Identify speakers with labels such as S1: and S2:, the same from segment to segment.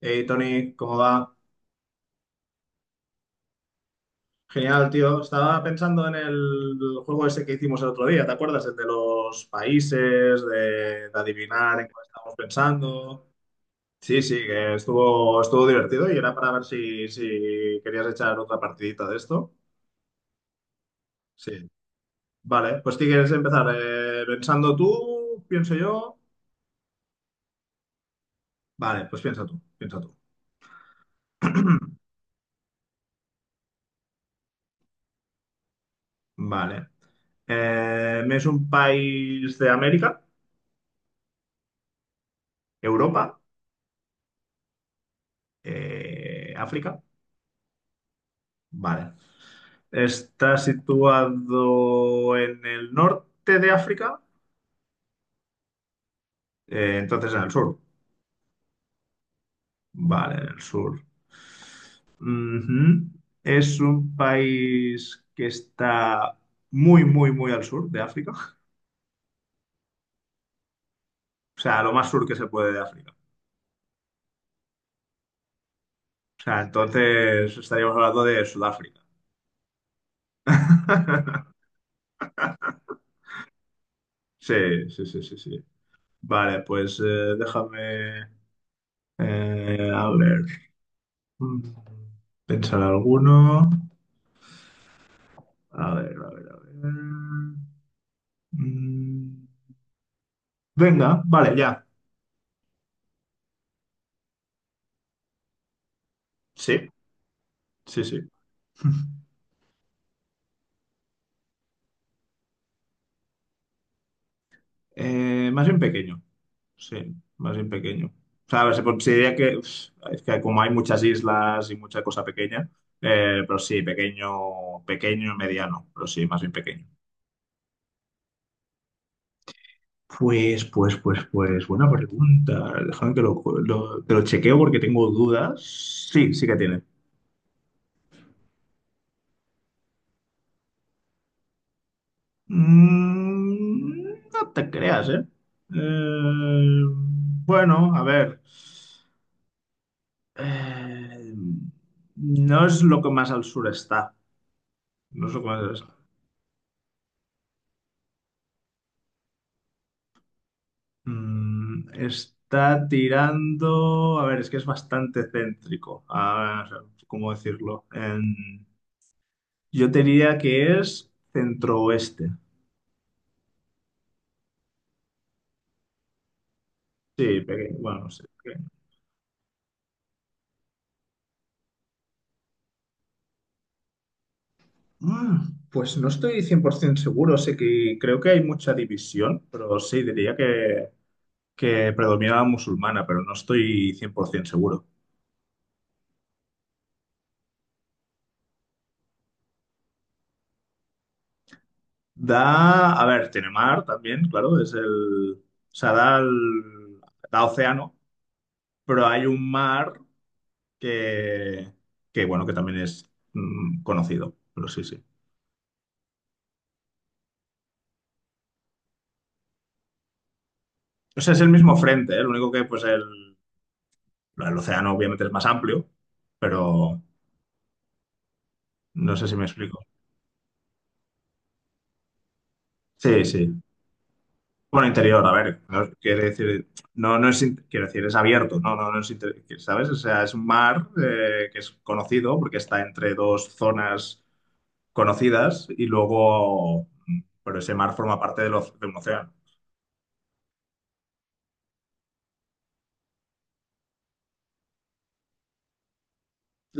S1: Hey Tony, ¿cómo va? Genial, tío. Estaba pensando en el juego ese que hicimos el otro día, ¿te acuerdas? El de los países, de adivinar en cuál estábamos pensando. Sí, sí, que estuvo divertido y era para ver si querías echar otra partidita de esto. Sí. Vale, pues si quieres empezar? ¿Pensando tú? ¿Pienso yo? Vale, pues piensa tú, piensa tú. Vale. ¿Es un país de América? ¿Europa? ¿África? Vale. Está situado en el norte de África. Entonces en el sur. Vale, en el sur. Ujú. Es un país que está muy, muy, muy al sur de África. O sea, lo más sur que se puede de África. O sea, entonces estaríamos hablando de Sudáfrica. Sí, sí, sí, sí, sí. Vale, pues déjame a ver. Mm, Pensar alguno. A ver, a ver, a ver. Mm, Venga, vale, ya. Sí, sí, sí. Más bien pequeño. Sí, más bien pequeño. O sea, a ver, se considera que uf, es que como hay muchas islas y mucha cosa pequeña, pero sí, pequeño, pequeño, mediano, pero sí, más bien pequeño. Pues, buena pregunta. Déjame que que lo chequeo porque tengo dudas. Sí, sí que tiene. No te creas, ¿eh? Eh, bueno, a ver. Eh, no es lo que más al sur está. No es lo que más al sur está. Está tirando. A ver, es que es bastante céntrico. A ver, ¿cómo decirlo? Yo te diría que es centro-oeste. Sí, pequeño. Bueno, sí. Ok. Ah, pues no estoy 100% seguro, sé que creo que hay mucha división, pero sí, diría que predomina la musulmana, pero no estoy 100% seguro. Da, a ver, tiene mar también, claro, es el, o sea, da, da océano, pero hay un mar que, que bueno, que también es conocido, pero sí, sí. O sea, es el mismo frente, ¿eh? Lo único que, pues, el océano obviamente es más amplio, pero no sé si me explico. Sí, sí. Bueno, interior, a ver, no, quiere decir, no, no es, quiero decir, es abierto, no, no, no es ¿sabes? O sea, es un mar que es conocido porque está entre dos zonas conocidas y luego, pero ese mar forma parte de un océano.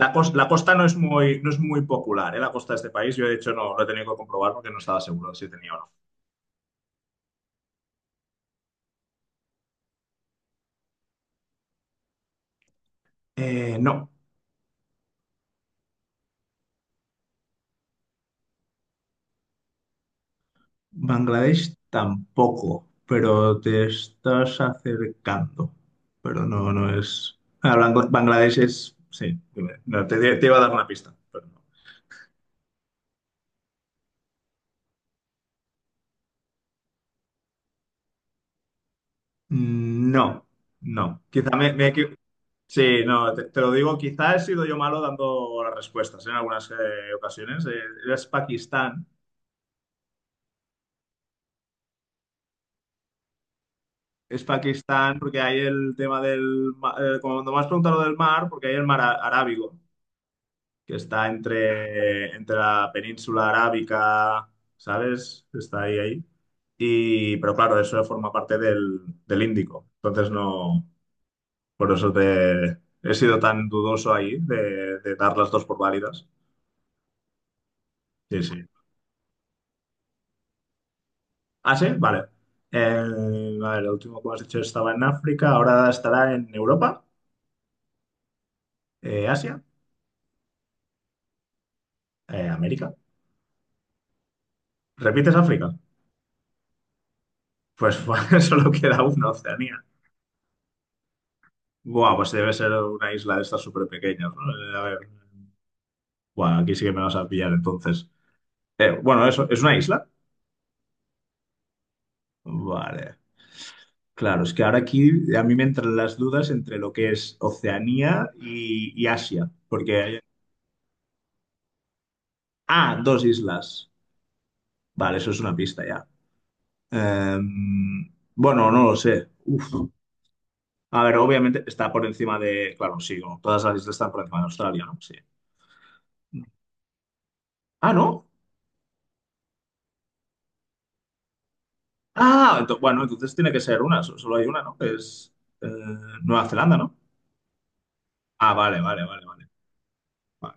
S1: La, la costa no es muy, no es muy popular, ¿eh? La costa de este país, yo de hecho no lo he tenido que comprobar porque no estaba seguro de si tenía o no. No. Bangladesh tampoco, pero te estás acercando. Pero no, no es. Ah, Bangladesh es. Sí, dime. No, te iba a dar una pista, pero no. No, no. Quizá me, Sí, no, te lo digo, quizá he sido yo malo dando las respuestas ¿eh? En algunas ocasiones. Es Pakistán. Es Pakistán porque hay el tema del... cuando me has preguntado lo del mar, porque hay el mar Arábigo. Que está entre, entre la península arábica, ¿sabes? Está ahí, ahí. Y, pero claro, eso forma parte del, del Índico. Entonces no, por eso te he sido tan dudoso ahí de dar las dos por válidas. Sí, sí. Ah, sí, vale. El, a ver, el último que has dicho estaba en África, ahora estará en Europa, Asia, América. ¿Repites África? Pues solo queda una, Oceanía. Buah, pues debe ser una isla de estas súper pequeñas, ¿no? A ver. Buah, aquí sí que me vas a pillar entonces. Bueno, eso, ¿es una isla? Vale. Claro, es que ahora aquí a mí me entran las dudas entre lo que es Oceanía y Asia. Porque hay... Ah, dos islas. Vale, eso es una pista ya. Bueno, no lo sé. Uf. A ver, obviamente está por encima de... Claro, sí, no, todas las islas están por encima de Australia, ¿no? Sí. Ah, ¿no? Ah, bueno, entonces tiene que ser una, solo hay una, ¿no? Que es eh, Nueva Zelanda, ¿no? Ah, vale, vale, vale, vale. Vale.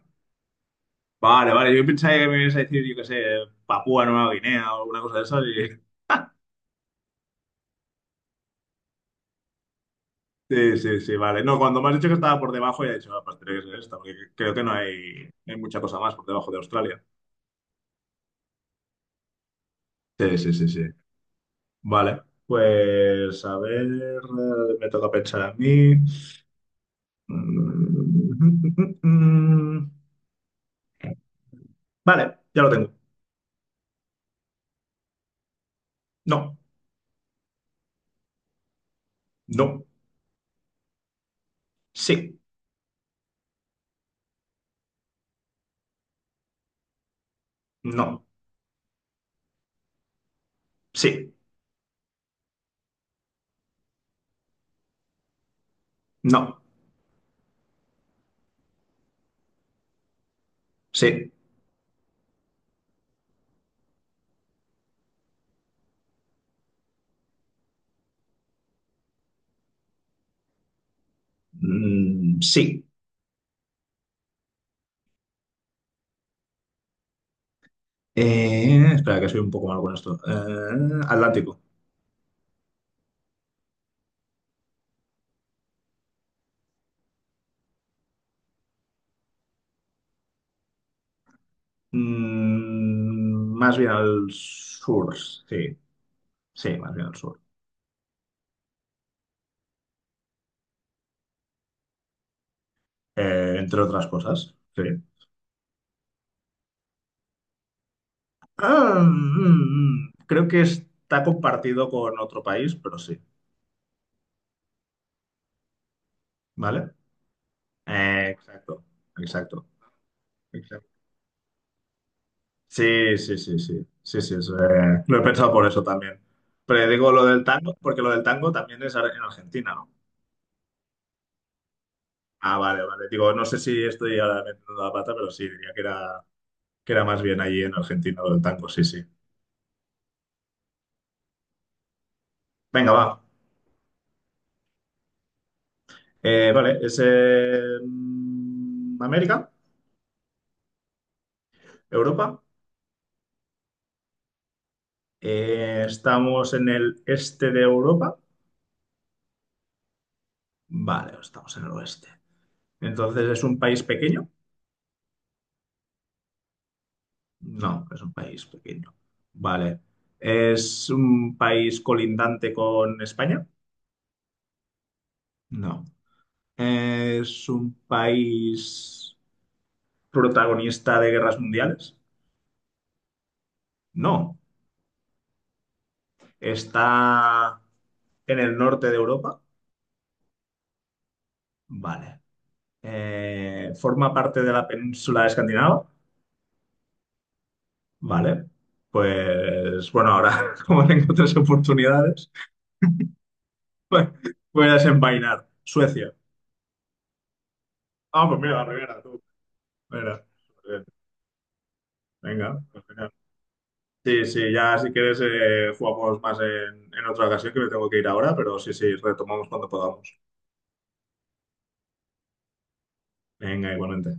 S1: Vale, vale. Yo pensaba que me ibas a decir, yo qué sé, Papúa Nueva Guinea o alguna cosa de esas. Y- sí, sí, sí, vale. No, cuando me has dicho que estaba por debajo, ya he dicho, aparte tiene que ser esta, porque creo que no hay, no hay mucha cosa más por debajo de Australia. Sí, sí, sí, sí. Vale. Pues a ver, me toca pensar a mí. Mm, vale, ya lo tengo. No, no, sí, no, sí, no, sí, sí. Espera, que soy un poco malo con esto. Atlántico. Más bien al sur, sí. Sí, más bien al sur. Entre otras cosas, sí. Ah, creo que está compartido con otro país, pero sí. ¿Vale? Eh, exacto, exacto. Sí, sí, sí, sí. Sí, sí, es, lo he pensado por eso también. Pero digo lo del tango, porque lo del tango también es en Argentina, ¿no? Ah, vale, vale. Digo, no sé si estoy ahora metiendo la pata, pero sí, diría que era más bien allí en Argentina lo del tango, sí, sí. Venga, va. Vale, es América, Europa. Estamos en el este de Europa. Vale, estamos en el oeste. Entonces, ¿es un país pequeño? No, es un país pequeño. Vale. ¿Es un país colindante con España? No. ¿Es un país... protagonista de guerras mundiales? No. ¿Está en el norte de Europa? Vale. ¿Forma parte de la península de Escandinava? Vale. Pues bueno, ahora como tengo 3 oportunidades, pues voy a desenvainar. Suecia. Ah, pues mira, la primera, tú. Mira, eh, venga, pues mira. Sí, sí, ya si quieres jugamos más en otra ocasión que me tengo que ir ahora, pero sí, sí, retomamos cuando podamos. Venga, igualmente.